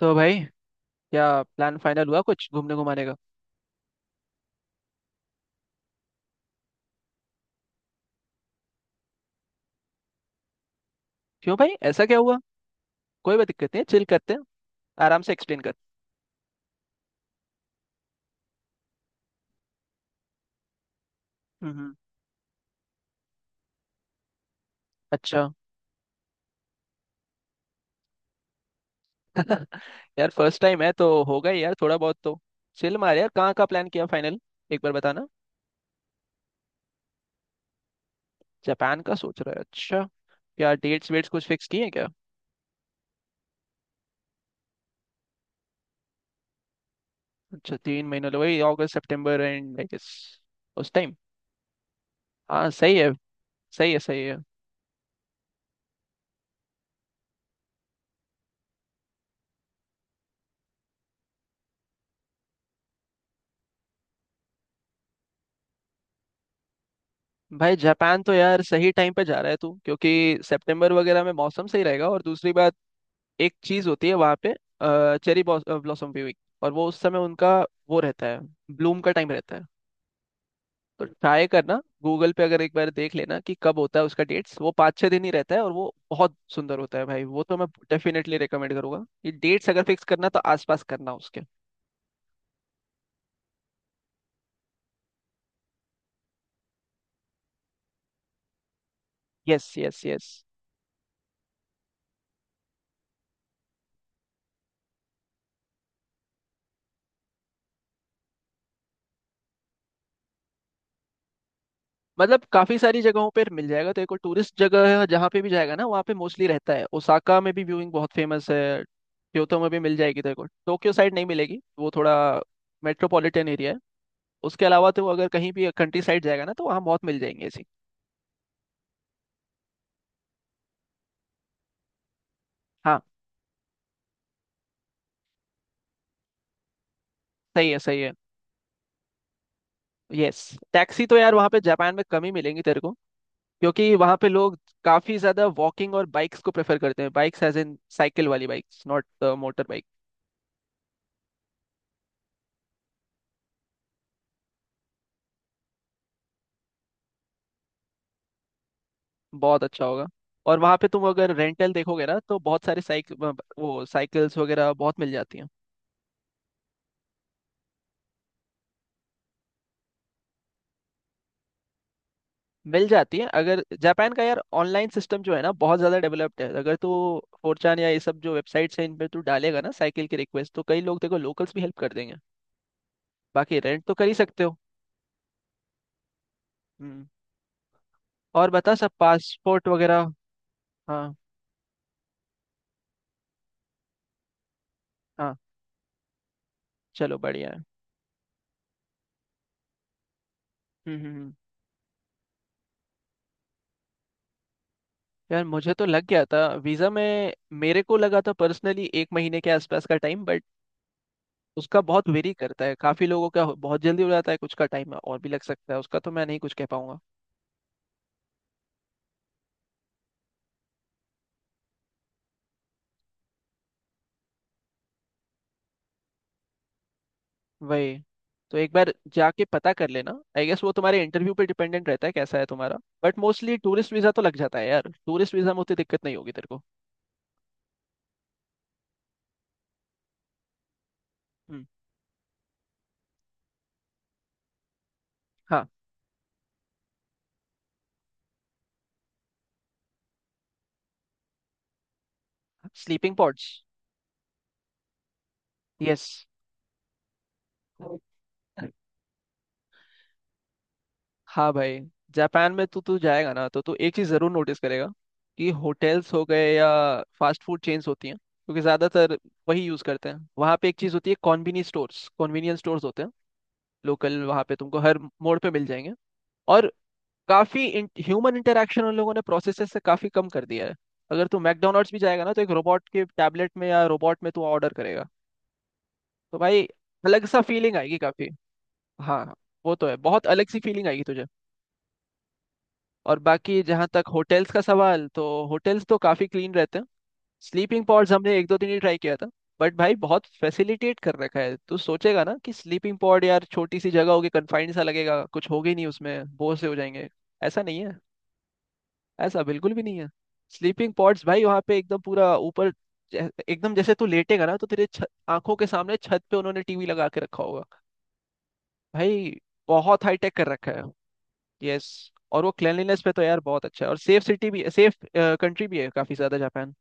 तो भाई, क्या प्लान फाइनल हुआ कुछ घूमने घुमाने का। क्यों भाई, ऐसा क्या हुआ। कोई बात, दिक्कत नहीं, चिल करते हैं। आराम से एक्सप्लेन कर। हम्म हम्म, अच्छा। यार फर्स्ट टाइम है तो होगा ही यार, थोड़ा बहुत तो। चिल मार यार, कहाँ का प्लान किया फाइनल, एक बार बताना। जापान का सोच रहा है, अच्छा। क्या डेट्स वेट्स कुछ फिक्स किए हैं क्या। अच्छा 3 महीने लगे, वही अगस्त सितंबर एंड आई गेस उस टाइम। हाँ सही है। सही है सही है। भाई जापान तो यार सही टाइम पे जा रहा है तू, क्योंकि सितंबर वगैरह में मौसम सही रहेगा। और दूसरी बात, एक चीज होती है वहां पे, चेरी ब्लॉसम व्यूइंग, और वो उस समय उनका वो रहता है, ब्लूम का टाइम रहता है। तो ट्राई करना, गूगल पे अगर एक बार देख लेना कि कब होता है उसका डेट्स। वो 5-6 दिन ही रहता है और वो बहुत सुंदर होता है भाई। वो तो मैं डेफिनेटली रिकमेंड करूंगा। ये डेट्स अगर फिक्स करना तो आसपास करना उसके। Yes yes yes. मतलब काफी सारी जगहों पर मिल जाएगा, तो एक और टूरिस्ट जगह है जहाँ पे भी जाएगा ना वहाँ पे मोस्टली रहता है। ओसाका में भी व्यूइंग बहुत फेमस है। क्योतो में भी मिल जाएगी तेरे को। टोक्यो साइड नहीं मिलेगी, वो थोड़ा मेट्रोपॉलिटन एरिया है। उसके अलावा तो अगर कहीं भी कंट्री साइड जाएगा ना तो वहाँ बहुत मिल जाएंगे ऐसी। हाँ सही है। सही है यस। टैक्सी तो यार वहाँ पे जापान में कम ही मिलेंगी तेरे को, क्योंकि वहाँ पे लोग काफी ज्यादा वॉकिंग और बाइक्स को प्रेफर करते हैं। बाइक्स एज इन साइकिल वाली बाइक्स, नॉट मोटर बाइक। बहुत अच्छा होगा। और वहाँ पे तुम अगर रेंटल देखोगे ना तो बहुत सारे साइकिल, वो साइकिल्स वगैरह बहुत मिल जाती हैं। मिल जाती है। अगर जापान का यार ऑनलाइन सिस्टम जो है ना बहुत ज़्यादा डेवलप्ड है। अगर तू फोरचान या ये सब जो वेबसाइट्स हैं इन पर तू डालेगा ना साइकिल की रिक्वेस्ट, तो कई लोग, देखो, लोकल्स भी हेल्प कर देंगे। बाकी रेंट तो कर ही सकते हो। हम्म, और बता, सब पासपोर्ट वगैरह। हाँ हाँ। चलो बढ़िया है। हम्म हम्म हम्म। यार मुझे तो लग गया था वीज़ा में। मेरे को लगा था पर्सनली एक महीने के आसपास का टाइम, बट उसका बहुत वेरी करता है। काफी लोगों का बहुत जल्दी हो जाता है, कुछ का टाइम और भी लग सकता है। उसका तो मैं नहीं कुछ कह पाऊंगा। वही, तो एक बार जाके पता कर लेना। आई गेस वो तुम्हारे इंटरव्यू पे डिपेंडेंट रहता है, कैसा है तुम्हारा। बट मोस्टली टूरिस्ट वीजा तो लग जाता है यार। टूरिस्ट वीजा में उतनी दिक्कत नहीं होगी तेरे को। हम्म। हाँ, स्लीपिंग पॉड्स। यस। हाँ भाई, जापान में तो तू जाएगा ना तो तू एक चीज़ ज़रूर नोटिस करेगा, कि होटल्स हो गए या फास्ट फूड चेन्स होती हैं, क्योंकि ज़्यादातर वही यूज़ करते हैं। वहाँ पे एक चीज़ होती है, कॉन्वीनियंस स्टोर्स। कॉन्वीनियंस स्टोर्स होते हैं लोकल, वहाँ पे तुमको हर मोड़ पे मिल जाएंगे। और काफ़ी ह्यूमन इंटरेक्शन उन लोगों ने प्रोसेसेस से काफ़ी कम कर दिया है। अगर तू मैकडोनल्ड्स भी जाएगा ना तो एक रोबोट के टैबलेट में या रोबोट में तू ऑर्डर करेगा। तो भाई अलग सा फीलिंग आएगी काफ़ी। हाँ वो तो है, बहुत अलग सी फीलिंग आएगी तुझे। और बाकी जहाँ तक होटल्स का सवाल, तो होटल्स तो काफ़ी क्लीन रहते हैं। स्लीपिंग पॉड्स हमने एक दो दिन ही ट्राई किया था, बट भाई बहुत फैसिलिटेट कर रखा है। तू सोचेगा ना कि स्लीपिंग पॉड यार छोटी सी जगह होगी, कन्फाइंड सा लगेगा, कुछ होगा ही नहीं उसमें, बोर से हो जाएंगे। ऐसा नहीं है, ऐसा बिल्कुल भी नहीं है। स्लीपिंग पॉड्स भाई वहाँ पे एकदम पूरा ऊपर, एकदम जैसे तू लेटेगा ना तो तेरे आंखों के सामने छत पे उन्होंने टीवी लगा के रखा होगा भाई। बहुत हाई टेक कर रखा है। यस, और वो क्लेanलीनेस पे तो यार बहुत अच्छा है। और सेफ सिटी भी, सेफ कंट्री भी है काफी ज्यादा जापान।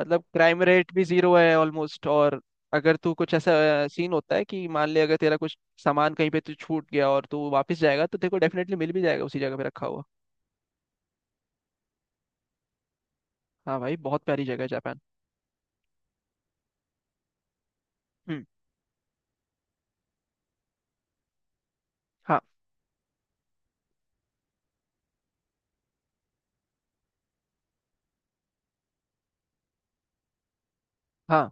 मतलब क्राइम रेट भी जीरो है ऑलमोस्ट। और अगर तू कुछ ऐसा, सीन होता है कि मान ले अगर तेरा कुछ सामान कहीं पे तू छूट गया और तू वापस जाएगा तो तेरे को डेफिनेटली मिल भी जाएगा उसी जगह पे रखा हुआ। हाँ भाई, बहुत प्यारी जगह है जापान। हम्म। हाँ। हाँ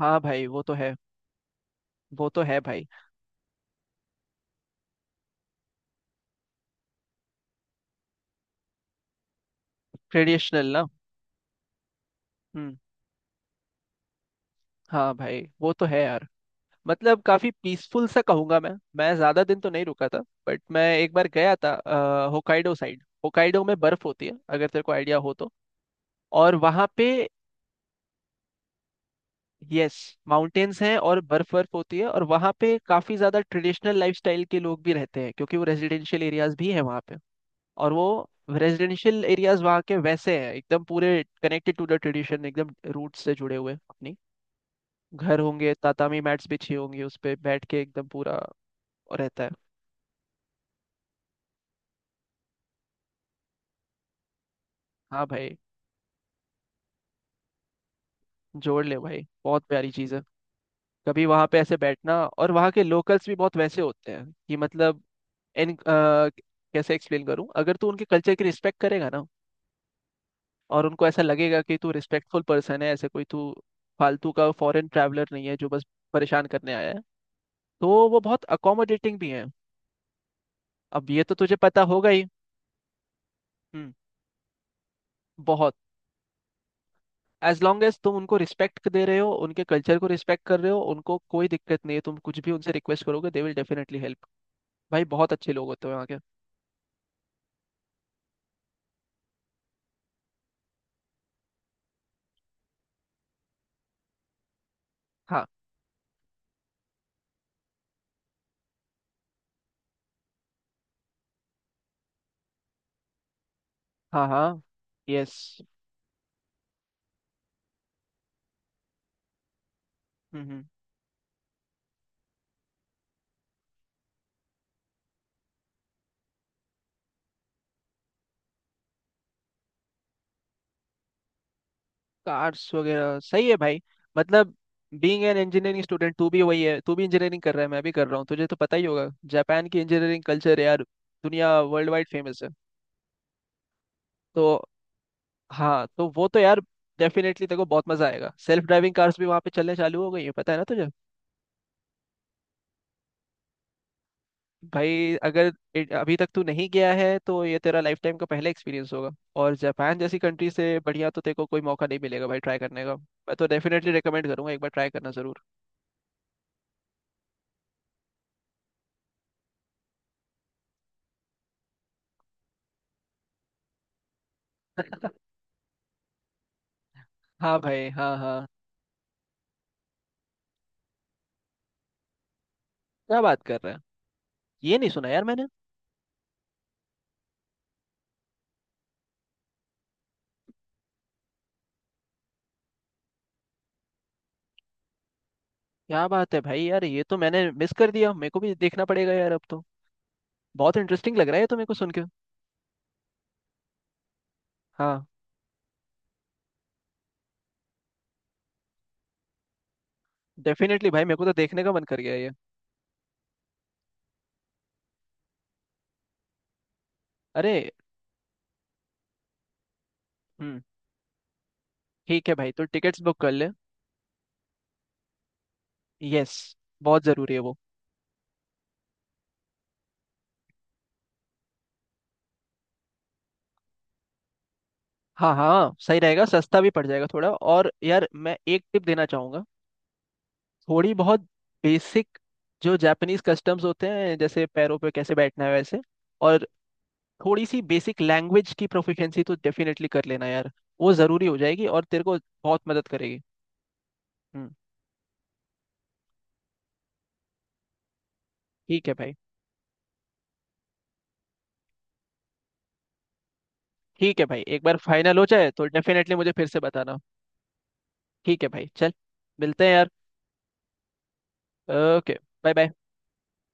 हाँ भाई वो तो है, वो तो है भाई। ट्रेडिशनल ना। हम्म, हाँ भाई वो तो है यार। मतलब काफी पीसफुल सा कहूंगा मैं। मैं ज्यादा दिन तो नहीं रुका था, बट मैं एक बार गया था होकाइडो साइड। होकाइडो में बर्फ होती है अगर तेरे को आइडिया हो तो। और वहां पे, यस माउंटेन्स हैं, और बर्फ बर्फ होती है। और वहां पे काफी ज्यादा ट्रेडिशनल लाइफस्टाइल के लोग भी रहते हैं, क्योंकि वो रेजिडेंशियल एरियाज भी हैं वहां पे। और वो रेजिडेंशियल एरियाज वहाँ के वैसे हैं, एकदम पूरे कनेक्टेड टू द ट्रेडिशन, एकदम रूट से जुड़े हुए अपनी। घर होंगे, तातामी मैट्स बिछी होंगी, उस पे बैठ के एकदम पूरा रहता है। हाँ भाई, जोड़ ले भाई बहुत प्यारी चीज़ है। कभी वहाँ पे ऐसे बैठना, और वहाँ के लोकल्स भी बहुत वैसे होते हैं कि मतलब, इन अ, कैसे एक्सप्लेन करूँ, अगर तू उनके कल्चर की रिस्पेक्ट करेगा ना, और उनको ऐसा लगेगा कि तू रिस्पेक्टफुल पर्सन है, ऐसे कोई तू फालतू का फॉरेन ट्रैवलर नहीं है जो बस परेशान करने आया है, तो वो बहुत अकोमोडेटिंग भी हैं। अब ये तो तुझे पता होगा ही। हम्म, बहुत। एज लॉन्ग एज तुम उनको रिस्पेक्ट दे रहे हो, उनके कल्चर को रिस्पेक्ट कर रहे हो, उनको कोई दिक्कत नहीं है। तुम कुछ भी उनसे रिक्वेस्ट करोगे, दे विल डेफिनेटली हेल्प। भाई बहुत अच्छे लोग होते हैं वहाँ के। हाँ हाँ हाँ। यस। हम्म। कार्स वगैरह सही है भाई। मतलब बीइंग एन इंजीनियरिंग स्टूडेंट, तू भी वही है, तू भी इंजीनियरिंग कर रहा है, मैं भी कर रहा हूँ, तुझे तो पता ही होगा, जापान की इंजीनियरिंग कल्चर यार दुनिया, वर्ल्ड वाइड फेमस है। तो हाँ, तो वो तो यार डेफिनेटली तेरे को बहुत मजा आएगा। सेल्फ ड्राइविंग कार्स भी वहाँ पे चलने चालू हो गई है, पता है ना तुझे। भाई अगर अभी तक तू नहीं गया है, तो ये तेरा लाइफ टाइम का पहला एक्सपीरियंस होगा। और जापान जैसी कंट्री से बढ़िया तो तेरे को कोई मौका नहीं मिलेगा भाई ट्राई करने का। मैं तो डेफिनेटली रिकमेंड करूंगा, एक बार ट्राई करना जरूर। हाँ भाई। हाँ हाँ, क्या बात कर रहा है। ये नहीं सुना यार मैंने। क्या बात है भाई, यार ये तो मैंने मिस कर दिया, मेरे को भी देखना पड़ेगा यार अब तो। बहुत इंटरेस्टिंग लग रहा है ये तो मेरे को सुन के। हाँ डेफिनेटली भाई, मेरे को तो देखने का मन कर गया ये। अरे। हम्म, ठीक है भाई, तो टिकट्स बुक कर ले। यस, बहुत ज़रूरी है वो। हाँ हाँ सही रहेगा, सस्ता भी पड़ जाएगा थोड़ा। और यार मैं एक टिप देना चाहूंगा, थोड़ी बहुत बेसिक, जो जापानीज कस्टम्स होते हैं, जैसे पैरों पे कैसे बैठना है वैसे, और थोड़ी सी बेसिक लैंग्वेज की प्रोफिशिएंसी, तो डेफिनेटली कर लेना यार। वो ज़रूरी हो जाएगी और तेरे को बहुत मदद करेगी। हम्म, ठीक है भाई। ठीक है भाई, एक बार फाइनल हो जाए तो डेफिनेटली मुझे फिर से बताना। ठीक है भाई चल, मिलते हैं यार। Okay, bye bye.